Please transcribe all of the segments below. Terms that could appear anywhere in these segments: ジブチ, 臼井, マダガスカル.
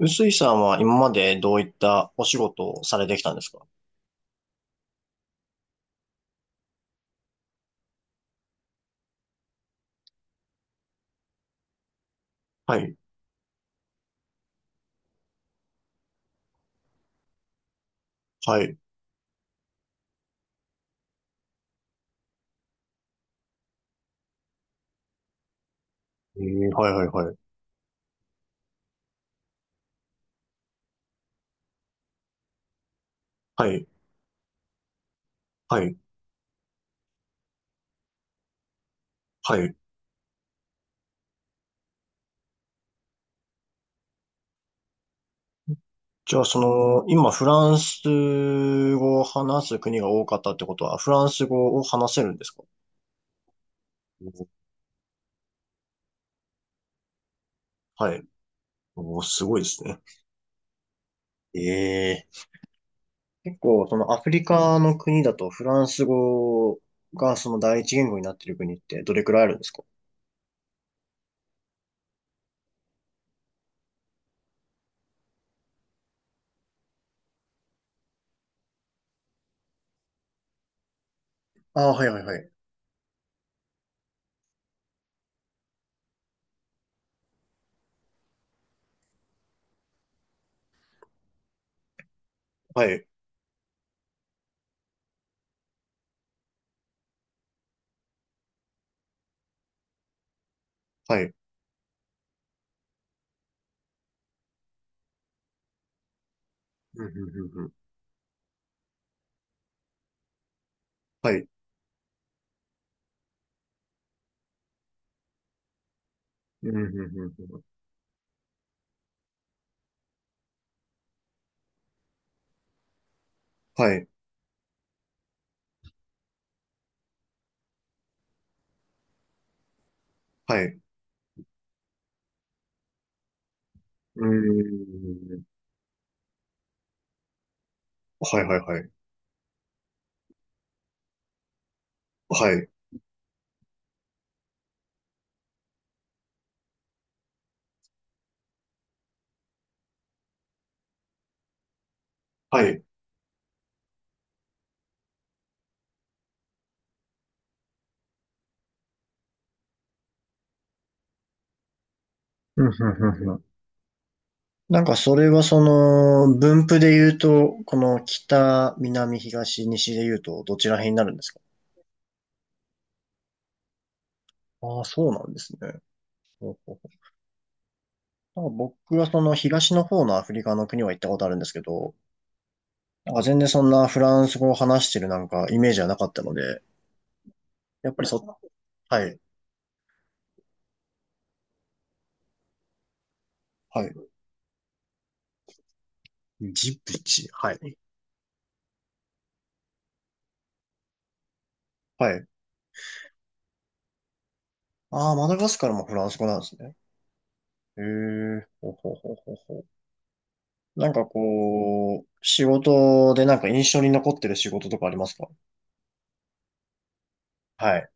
臼井さんは今までどういったお仕事をされてきたんですか？はい、はい、はい、はい、はい、はい、はい、はい。じゃあ、その、今、フランス語を話す国が多かったってことは、フランス語を話せるんですか？お、はい。お、すごいですね。ええ、結構、そのアフリカの国だと、フランス語がその第一言語になってる国ってどれくらいあるんですか？ああ、はい、はい、はい。はい、はい。うん、うん、うん、うん。はい。うん、うん、うん、うん。はい、はい。うーん。はいはいはい。はい。はい。うんうんうんうん。なんかそれはその分布で言うと、この北、南、東、西で言うとどちら辺になるんですか？ああー、そうなんですね。ほうほうほう、なんか僕はその東の方のアフリカの国は行ったことあるんですけど、なんか全然そんなフランス語を話してるなんかイメージはなかったので、やっぱりそ、はい、はい。ジブチ、はい。はい。ああ、マダガスカルもフランス語なんですね。へえ、ほうほうほうほうほう。なんかこう、仕事でなんか印象に残ってる仕事とかありますか？はい。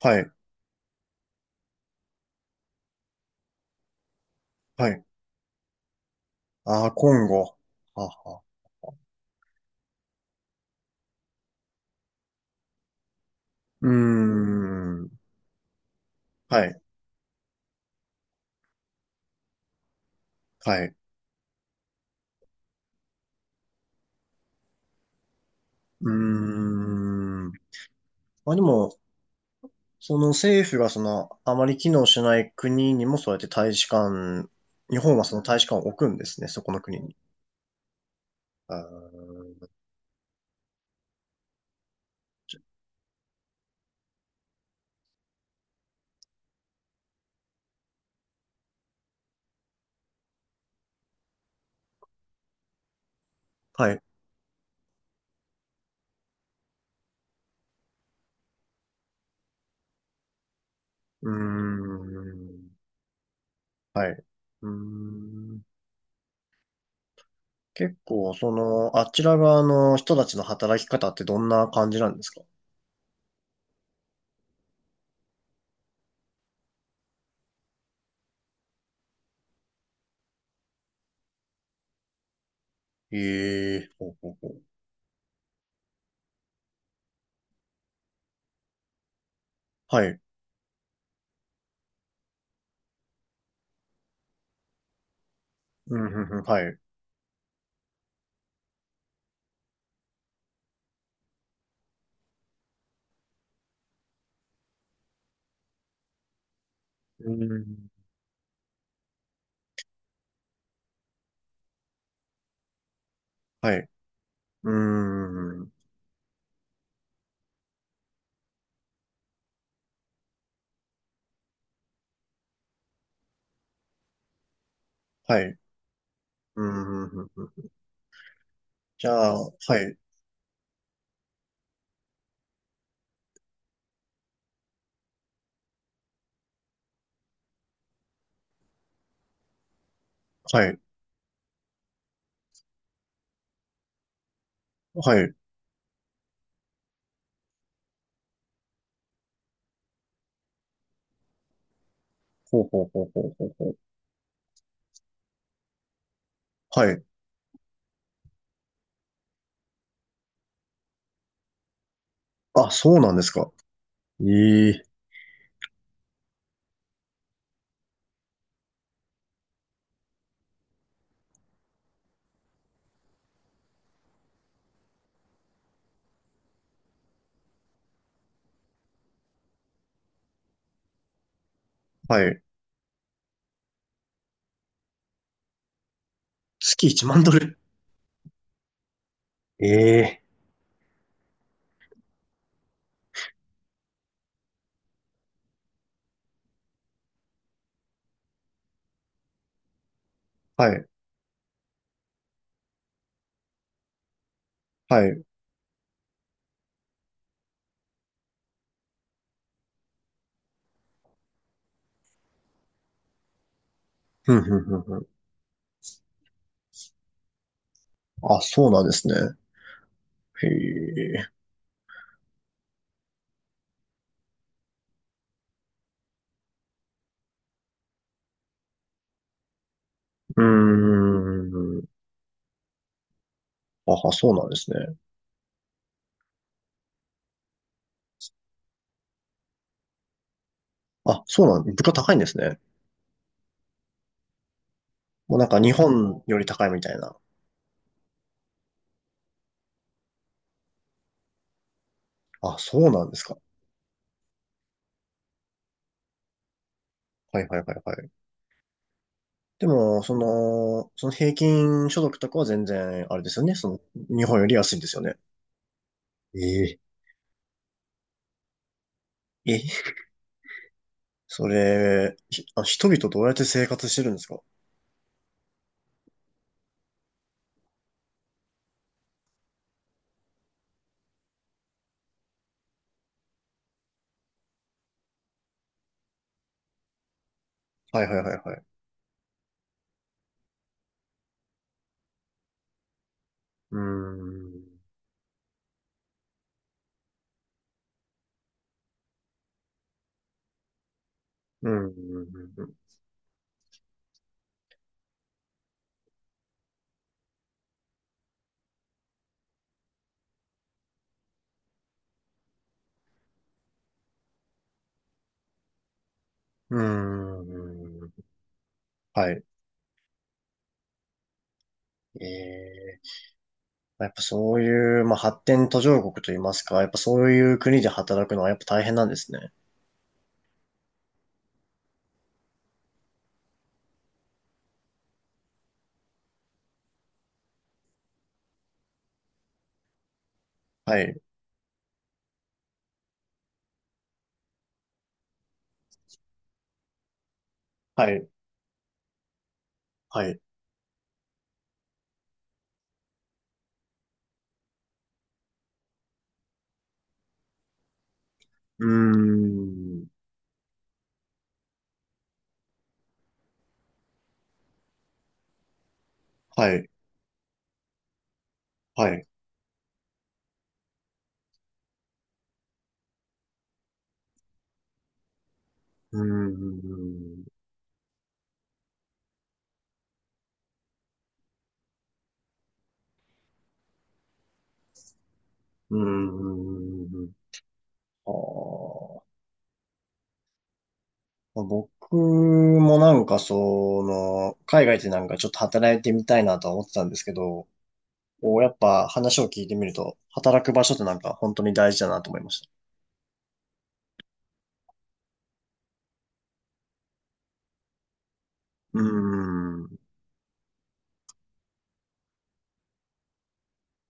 はい。はい。ああ、今後。はは。うーん。はい。はい。うーん。まあでも、その政府がその、あまり機能しない国にもそうやって大使館、日本はその大使館を置くんですね、そこの国に。あー、はい。うーん。はい。うーん。結構、その、あちら側の人たちの働き方ってどんな感じなんですか？ええー、ほうほうほう。はい。うん、ふんふん、はい。うん、はい。うーん、はい。うん、ふんふんふん。じゃあ、はい、はい、はい。ほうほうほうほうほうほう。はい。あ、そうなんですか。ええー、はい。月1万ドル。ええー、はい、はい。ふんふんふんふん。あ、そうなんですね。へえ。うーん。あ、そうなんですね。あ、そうなん、物価高いんですね。もうなんか日本より高いみたいな。あ、そうなんですか。はいはいはいはい。でも、その、その平均所得とかは全然、あれですよね。その、日本より安いんですよね。ええ。え、それ、ひあ、人々どうやって生活してるんですか？はいはいはいはい。うん。うーん。うーん。うーん、はい。ええ。やっぱそういう、まあ、発展途上国といいますか、やっぱそういう国で働くのはやっぱ大変なんですね。はい。はい、はい。うーん。はい、はい。うーん。うーん。あー、まあ、僕もなんかその、海外でなんかちょっと働いてみたいなとは思ってたんですけど、こうやっぱ話を聞いてみると、働く場所ってなんか本当に大事だなと思いました。うーん。